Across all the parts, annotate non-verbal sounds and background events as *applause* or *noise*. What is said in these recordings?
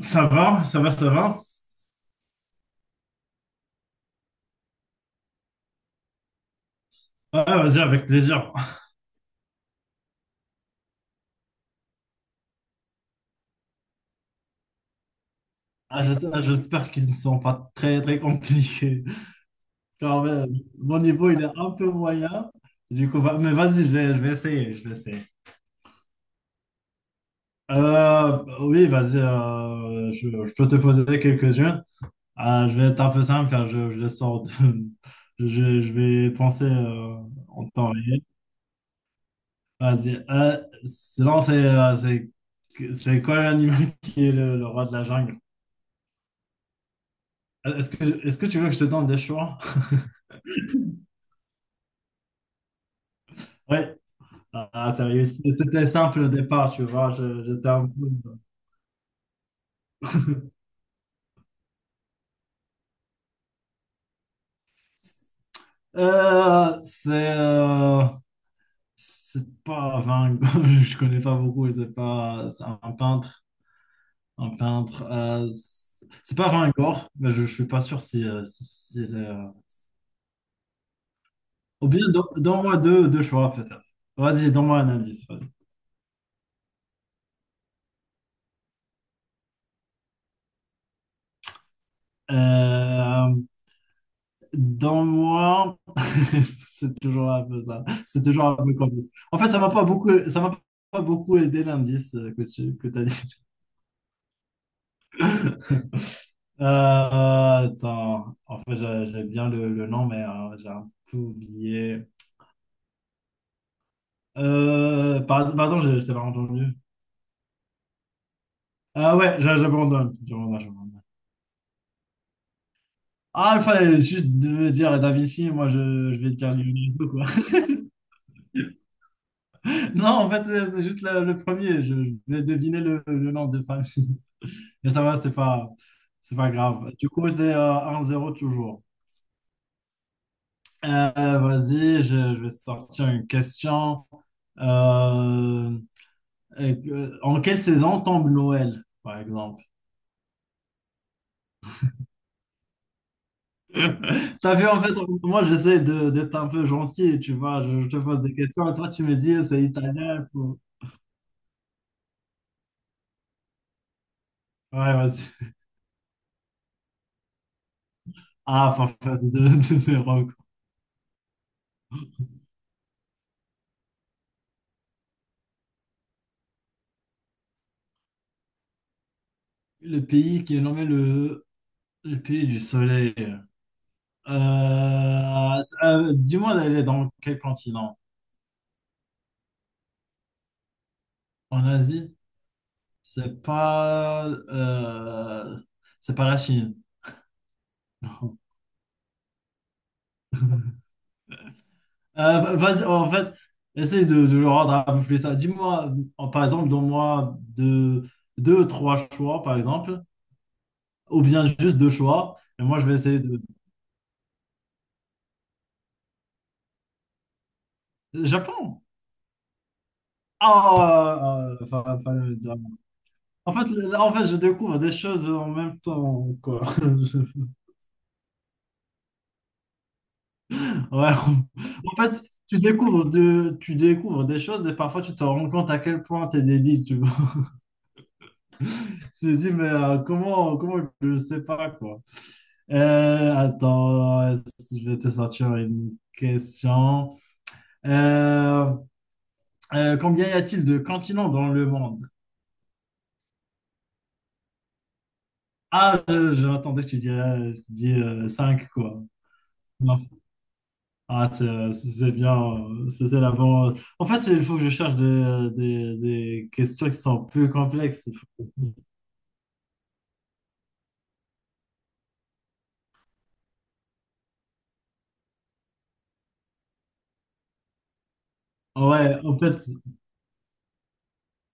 Ça va, ça va, ça va. Ouais, vas-y, avec plaisir. Ah, J'espère qu'ils ne sont pas très, très compliqués. Quand même, mon niveau, il est un peu moyen. Du coup, mais vas-y, je vais essayer. Oui, vas-y, je peux te poser quelques-unes. Ah, je vais être un peu simple, car je *laughs* Je vais penser en temps réel. Vas-y. Sinon, c'est quoi l'animal qui est le roi de la jungle? Est-ce que tu veux que je te donne des choix? *laughs* Ouais. Ah, sérieux, c'était simple au départ, tu vois. J'étais un peu- *laughs* Euh, c'est euh, c'est pas Van *laughs* Je connais pas beaucoup, c'est pas c'est un peintre, un peintre. C'est pas Van Gogh, mais je suis pas sûr s'il est, Ou bien donne-moi deux choix peut-être. Vas-y, donne-moi un indice. Vas-y. Euh, Dans moi, *laughs* c'est toujours un peu ça. C'est toujours un peu compliqué. En fait, ça m'a pas beaucoup aidé l'indice que t'as dit. *laughs* Attends, en fait, j'ai bien le nom, mais j'ai un peu oublié. Pardon, je t'ai pas entendu. Ah ouais, j'abandonne, j'abandonne, j'abandonne. Ah, il fallait juste de dire Da Vinci, moi je vais dire Leonardo, quoi. *laughs* Non, en fait, c'est juste le premier, je vais deviner le nom de famille. Mais ça va, c'est pas grave. Du coup, c'est 1-0 toujours. Euh, Vas-y, je vais sortir une question. Euh, En quelle saison tombe Noël, par exemple? T'as vu, en fait, moi, j'essaie d'être un peu gentil, tu vois. Je te pose des questions et toi, tu me dis, c'est italien. Ouais, vas-y. Ah, parfait, c'est 2-0. Le pays qui est nommé le pays du soleil. Euh, Dis-moi d'aller dans quel continent? En Asie, c'est pas, euh, c'est pas la Chine. *laughs* Vas-y, en fait, essaye de le rendre un peu plus ça. Dis-moi, par exemple, donne-moi deux, deux, trois choix, par exemple, ou bien juste deux choix, et moi je vais essayer de. Japon! Ah, fallait me dire. En fait, là, en fait, je découvre des choses en même temps, quoi. *laughs* Ouais. En fait, tu découvres des choses et parfois tu te rends compte à quel point t'es débile, tu vois. J'ai dit, mais comment je ne sais pas, quoi. Attends, je vais te sortir une question. Euh, Combien y a-t-il de continents dans le monde? Ah, j'attendais que tu dirais, je dis 5 quoi. Non. Ah, c'est bien, c'est la bonne. En fait, il faut que je cherche des questions qui sont plus complexes. Ouais, en fait,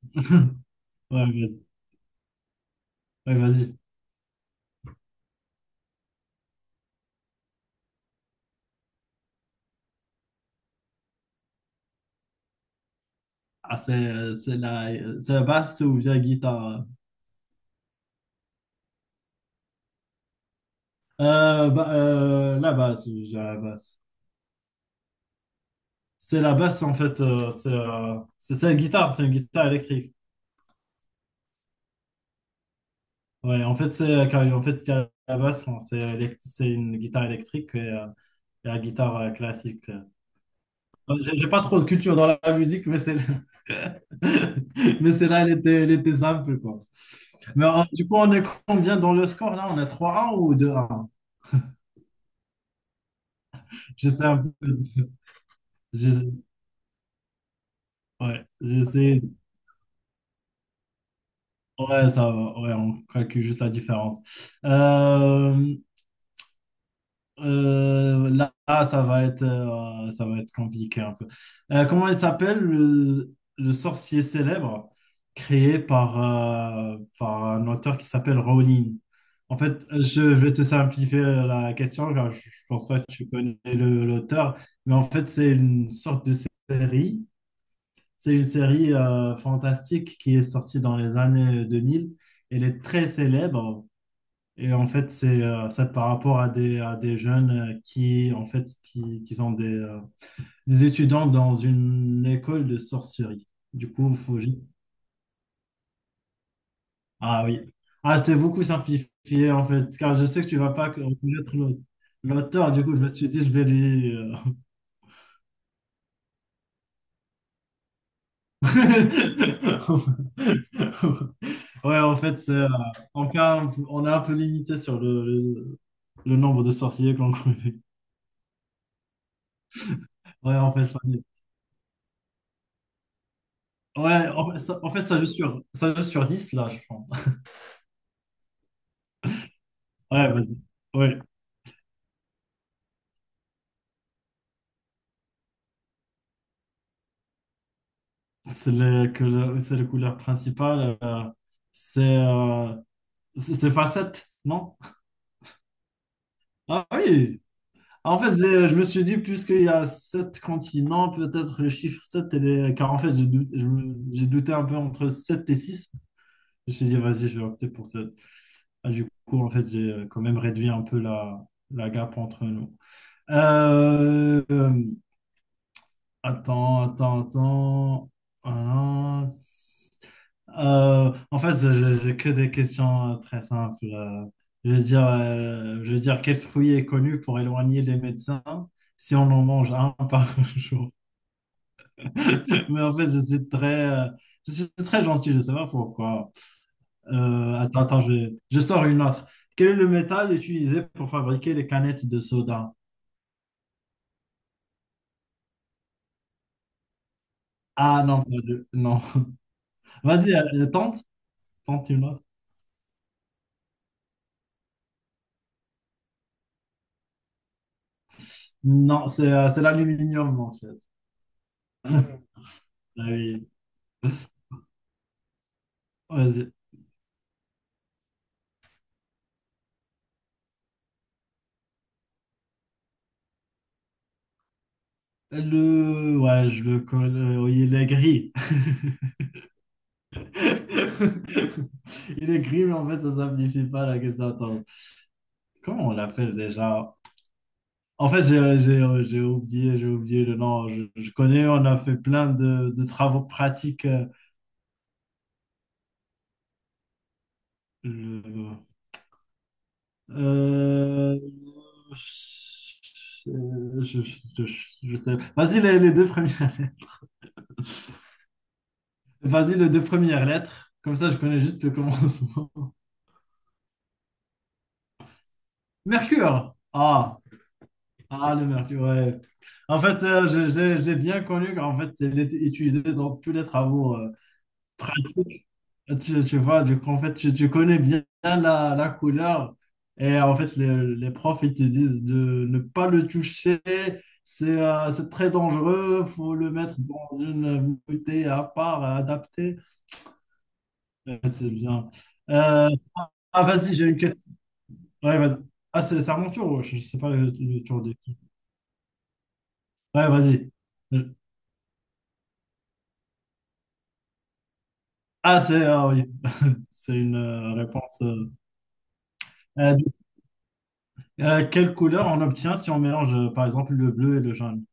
*laughs* ouais, ouais, vas-y. Ah, c'est la basse ou bien guitare? Bah, la basse, je dirais la basse. C'est la basse, en fait, c'est une guitare, c'est une guitare électrique. Ouais, en fait, en fait, il la basse, bon, c'est une guitare électrique et la guitare classique. J'ai pas trop de culture dans la musique, mais c'est *laughs* mais celle-là, elle était simple, quoi. Mais du coup, on est combien dans le score là? On est trois un ou deux 1. J'essaie un peu. J'essaie- Ouais, j'essaie. Ouais, ça va. Ouais, on calcule juste la différence. Euh, Là, ça va être compliqué un peu. Comment il s'appelle le sorcier célèbre créé par un auteur qui s'appelle Rowling? En fait, je vais te simplifier la question, car je pense pas que tu connais l'auteur, mais en fait, série c'est une série fantastique qui est sortie dans les années 2000. Elle est très célèbre et en fait, c'est par rapport à des jeunes qui, en fait, qui sont des étudiants dans une école de sorcellerie. Du coup, Ah oui. Ah, je t'ai beaucoup simplifié en fait, car je sais que tu vas pas connaître l'auteur. Du coup, je me suis dit, je vais lui. *laughs* Ouais, en fait, c'est, on fait un- on est un peu limité sur le nombre de sorciers qu'on *laughs* connaît. Ouais, en fait, ça joue sur, 10 là, je pense. *laughs* Ouais, vas-y. Ouais, c'est les couleurs principales c'est euh, c'est pas 7, non? Ah oui! En fait, je me suis dit, puisqu'il y a 7 continents, peut-être le chiffre 7 et les car en fait, j'ai douté un peu entre 7 et six. Je me suis dit, vas-y, je vais opter pour sept. Ah, du coup, en fait, j'ai quand même réduit un peu la gap entre nous. Euh, euh, Attends, attends, attends. Voilà. En fait, j'ai que des questions très simples. Je veux dire, quel fruit est connu pour éloigner les médecins si on en mange un *laughs* par jour? Mais en fait, je suis très gentil, je sais pas pourquoi. Attends, attends, je sors une autre. Quel est le métal utilisé pour fabriquer les canettes de soda? Ah non, pas de- non. Vas-y, tente une autre. Non, c'est l'aluminium en fait. Ah oui, vas-y. Ouais, je le connais. Oui, il est gris. *laughs* Il est gris, mais en fait, ça simplifie pas la question. Attends, comment on l'appelle déjà? En fait, j'ai oublié le nom. Je connais, on a fait plein de travaux pratiques. euh, Euh, je, je sais. Vas-y, les deux premières *laughs* Vas-y, les deux premières lettres. Comme ça, je connais juste le commencement. *laughs* Mercure. Ah, le mercure, ouais. En fait, je l'ai bien connu. En fait, c'est il est utilisé dans tous les travaux pratiques. Tu vois, du coup, en fait, tu connais bien la couleur. Et en fait, les profs, ils te disent de ne pas le toucher. C'est très dangereux. Faut le mettre dans une bouteille à part, adaptée. Ouais, c'est bien. Euh, ah, vas-y, j'ai une question. Ouais, vas-y. Ah, c'est à mon tour. Ouais, je sais pas le tour de qui. Ouais, vas-y. Ah, c'est ah oui, c'est une réponse. Euh, du- Quelle couleur on obtient si on mélange, par exemple, le bleu et le jaune?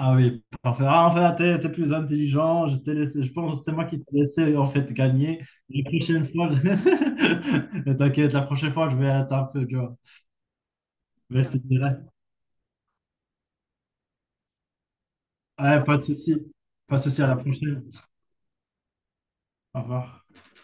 Ah oui, parfait. Ah, en fait, t'es plus intelligent. Je t'ai laissé, je pense que c'est moi qui t'ai laissé en fait gagner. La prochaine fois, *laughs* Ne t'inquiète, la prochaine fois, je vais être un peu dur. Je vais essayer. Ouais, pas de souci. Pas de souci, à la prochaine. Au revoir.